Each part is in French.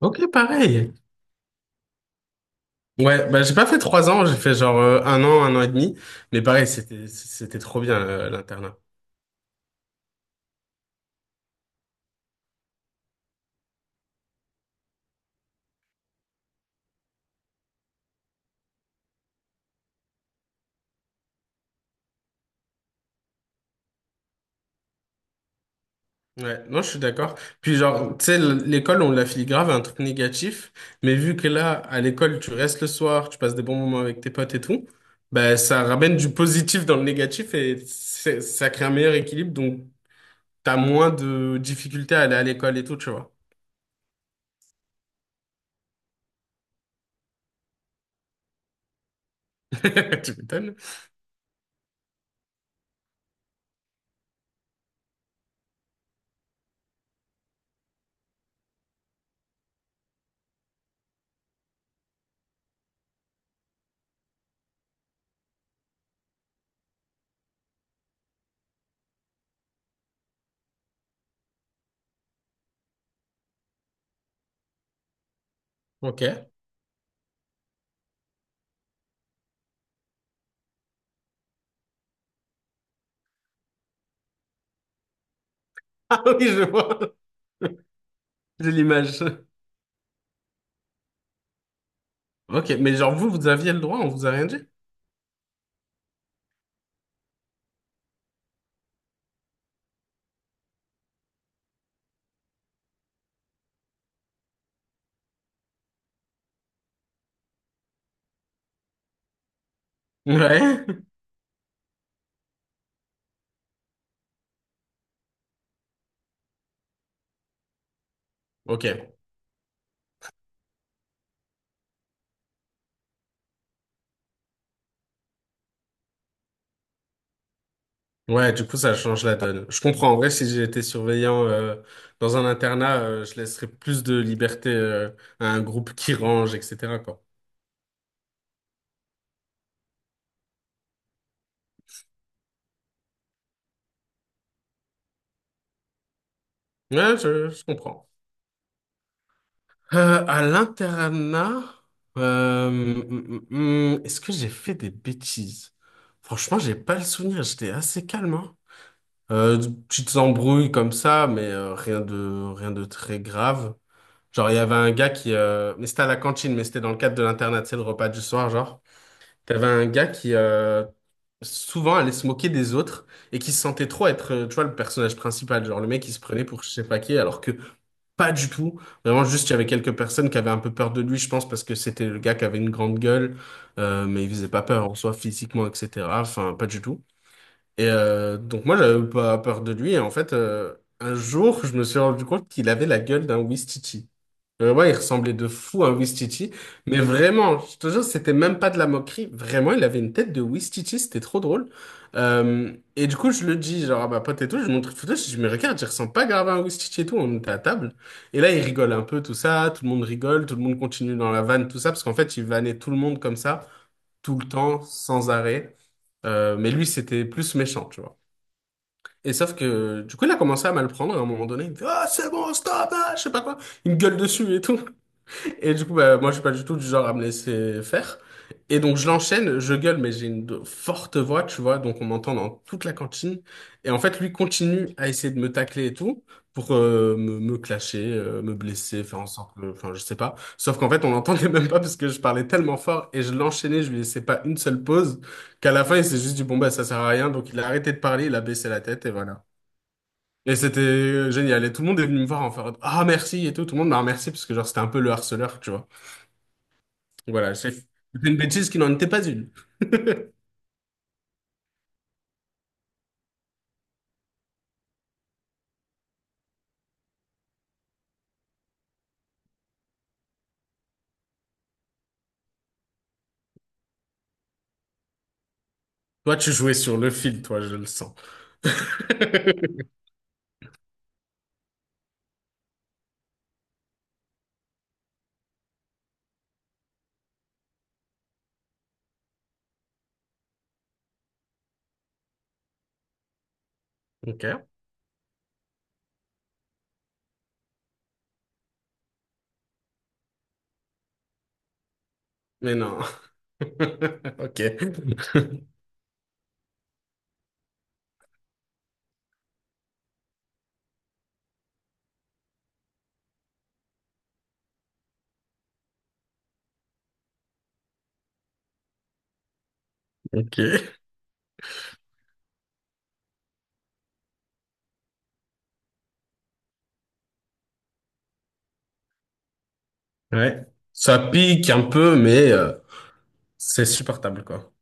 Ok, pareil. Ouais, bah j'ai pas fait trois ans, j'ai fait genre un an et demi, mais pareil, c'était trop bien l'internat. Ouais, non, je suis d'accord. Puis genre, tu sais, l'école, on l'affile grave à un truc négatif, mais vu que là, à l'école, tu restes le soir, tu passes des bons moments avec tes potes et tout, bah ça ramène du positif dans le négatif et ça crée un meilleur équilibre, donc t'as moins de difficultés à aller à l'école et tout, tu vois. Tu m'étonnes. Ok. Ah oui, je vois. J'ai l'image. Ok, mais genre vous, vous aviez le droit, on vous a rien dit? Ouais. Ok. Ouais, du coup, ça change la donne. Je comprends. En vrai, si j'étais surveillant dans un internat, je laisserais plus de liberté à un groupe qui range, etc. quoi. Ouais, je comprends. À l'internat, est-ce que j'ai fait des bêtises? Franchement, j'ai pas le souvenir. J'étais assez calme, hein. De petites embrouilles comme ça, mais rien de rien de très grave. Genre, il y avait un gars qui... Mais c'était à la cantine, mais c'était dans le cadre de l'internat, c'est le repas du soir, genre. T'avais un gars qui souvent allait se moquer des autres et qui se sentait trop être, tu vois, le personnage principal. Genre, le mec, il se prenait pour je sais pas qui, alors que pas du tout. Vraiment, juste, il y avait quelques personnes qui avaient un peu peur de lui, je pense, parce que c'était le gars qui avait une grande gueule, mais il faisait pas peur en soi, physiquement, etc. Enfin, pas du tout. Et donc moi, j'avais pas peur de lui. Et en fait, un jour, je me suis rendu compte qu'il avait la gueule d'un Ouistiti. Vraiment, il ressemblait de fou à un Ouistiti. Mais vraiment, je te jure, c'était même pas de la moquerie. Vraiment, il avait une tête de Ouistiti. C'était trop drôle. Et du coup, je le dis, genre, à ma pote et tout, je lui montre une photo. Je dis, mais regarde, il ressemble pas grave à un Ouistiti et tout. On était à table. Et là, il rigole un peu, tout ça. Tout le monde rigole. Tout le monde continue dans la vanne, tout ça. Parce qu'en fait, il vannait tout le monde comme ça, tout le temps, sans arrêt. Mais lui, c'était plus méchant, tu vois. Et sauf que, du coup, il a commencé à mal prendre, et à un moment donné, il me fait, ah, c'est bon, stop, ah, je sais pas quoi. Il me gueule dessus et tout. Et du coup, bah, moi, je suis pas du tout du genre à me laisser faire. Et donc, je l'enchaîne, je gueule, mais j'ai une forte voix, tu vois, donc on m'entend dans toute la cantine. Et en fait, lui continue à essayer de me tacler et tout, pour me clasher, me blesser, faire en sorte que, enfin, je sais pas. Sauf qu'en fait, on l'entendait même pas parce que je parlais tellement fort et je l'enchaînais, je lui laissais pas une seule pause, qu'à la fin, il s'est juste dit, bon, bah, ça sert à rien. Donc, il a arrêté de parler, il a baissé la tête et voilà. Et c'était génial. Et tout le monde est venu me voir en faire ah, merci et tout. Tout le monde m'a remercié parce que genre c'était un peu le harceleur, tu vois. Donc voilà, j'ai fait une bêtise qui n'en était pas une. Toi, tu jouais sur le fil, toi, je le sens. Ok. Mais non. Ok. Ok. Ouais. Ça pique un peu, mais c'est supportable, quoi.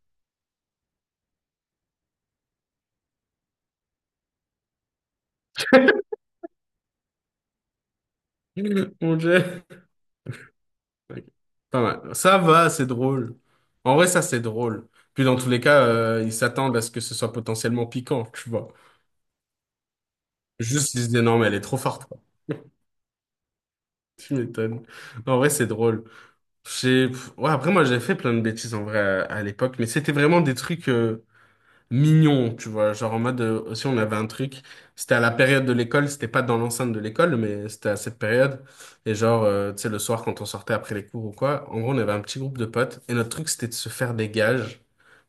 Mon Dieu. Ok. Pas mal. Ça va, c'est drôle. En vrai, ça, c'est drôle. Puis dans tous les cas, ils s'attendent à ce que ce soit potentiellement piquant, tu vois. Juste, ils se non, mais elle est trop forte, quoi. Tu m'étonnes. En vrai, c'est drôle. J'ai... pff, ouais, après, moi, j'ai fait plein de bêtises, en vrai, à l'époque, mais c'était vraiment des trucs... mignon, tu vois. Genre en mode, aussi on avait un truc, c'était à la période de l'école, c'était pas dans l'enceinte de l'école, mais c'était à cette période. Et genre, tu sais, le soir quand on sortait après les cours ou quoi, en gros on avait un petit groupe de potes et notre truc c'était de se faire des gages,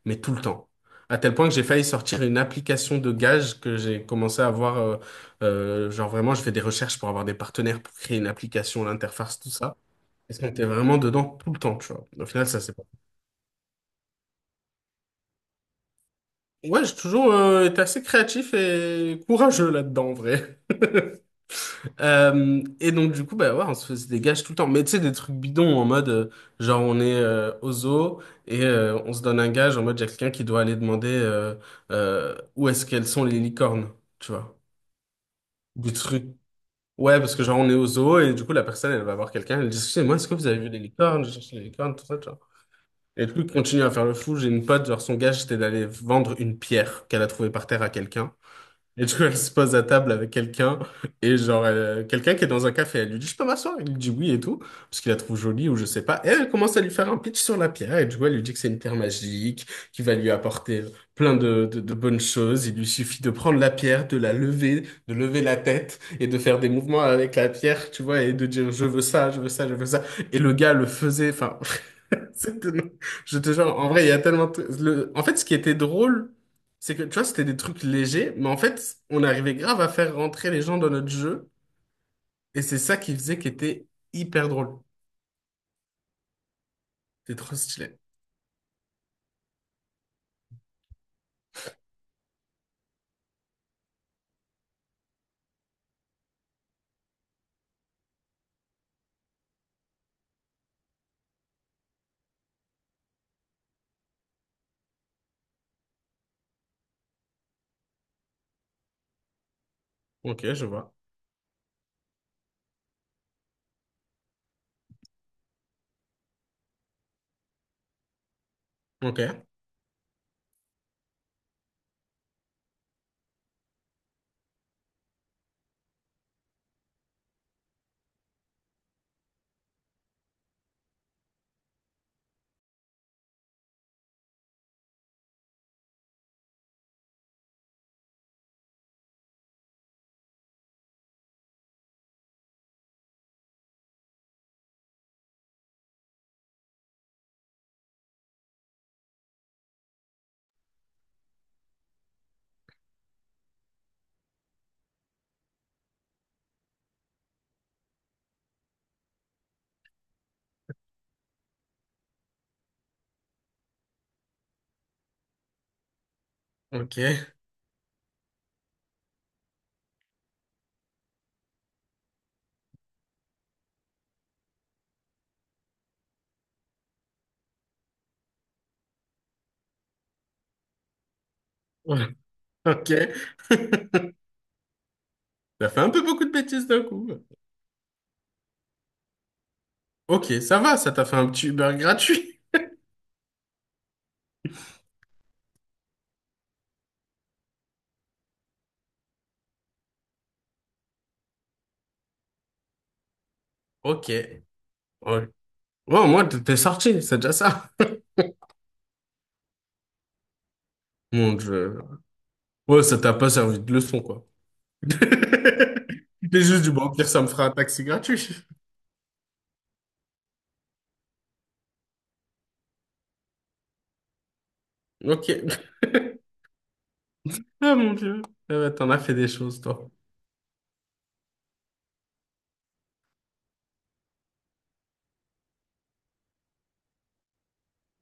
mais tout le temps. À tel point que j'ai failli sortir une application de gages que j'ai commencé à avoir, genre vraiment je fais des recherches pour avoir des partenaires pour créer une application, l'interface, tout ça. Parce qu'on était vraiment dedans tout le temps, tu vois. Au final, ça s'est ouais, j'ai toujours été assez créatif et courageux là-dedans, en vrai. Et donc, du coup, bah ouais, on se faisait des gages tout le temps. Mais tu sais, des trucs bidons en mode, genre, on est au zoo et on se donne un gage en mode, il y a quelqu'un qui doit aller demander où est-ce qu'elles sont les licornes, tu vois. Des trucs. Ouais, parce que genre, on est au zoo et du coup, la personne, elle va voir quelqu'un, elle dit, excusez-moi, est-ce que vous avez vu les licornes? Je cherche les licornes, tout ça, tu vois. Et du coup, il continue à faire le fou. J'ai une pote, genre, son gage, c'était d'aller vendre une pierre qu'elle a trouvée par terre à quelqu'un. Et du coup, elle se pose à table avec quelqu'un, et genre, quelqu'un qui est dans un café, elle lui dit, je peux m'asseoir? Il lui dit oui et tout, parce qu'il la trouve jolie ou je sais pas. Et elle commence à lui faire un pitch sur la pierre, et du coup, elle lui dit que c'est une pierre magique, qui va lui apporter plein de, de bonnes choses. Il lui suffit de prendre la pierre, de la lever, de lever la tête, et de faire des mouvements avec la pierre, tu vois, et de dire, je veux ça, je veux ça, je veux ça. Et le gars le faisait, enfin, c'est tout- Je te jure, en vrai, il y a tellement de trucs. Le- En fait, ce qui était drôle, c'est que, tu vois, c'était des trucs légers, mais en fait, on arrivait grave à faire rentrer les gens dans notre jeu, et c'est ça qui faisait qu'il était hyper drôle. C'était trop stylé. Ok, je vois. Ok, ok, ok. T'as fait un peu beaucoup de bêtises d'un coup. Ok, ça va, ça t'a fait un petit Uber gratuit. Ok. Ouais, ouais au moins, t'es sorti, c'est déjà ça. Mon Dieu. Ouais, ça t'a pas servi de leçon, quoi. J'ai juste du bon, au pire, ça me fera un taxi gratuit. Ok. Ah mon Dieu. Ah ouais, t'en as fait des choses, toi.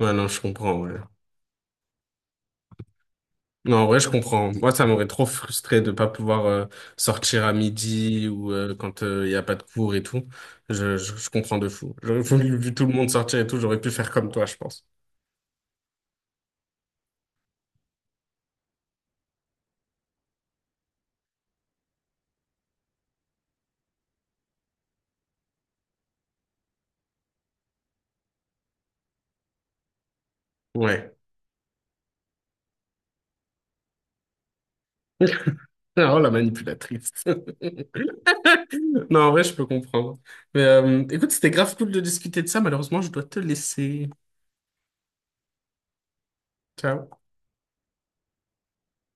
Ouais, non, je comprends, ouais. Non, en vrai, je comprends. Moi, ça m'aurait trop frustré de pas pouvoir sortir à midi ou quand il n'y a pas de cours et tout. Je comprends de fou. J'aurais voulu, vu tout le monde sortir et tout, j'aurais pu faire comme toi, je pense. Ouais. Oh, la manipulatrice. Non, en vrai, je peux comprendre. Mais écoute, c'était grave cool de discuter de ça. Malheureusement, je dois te laisser. Ciao.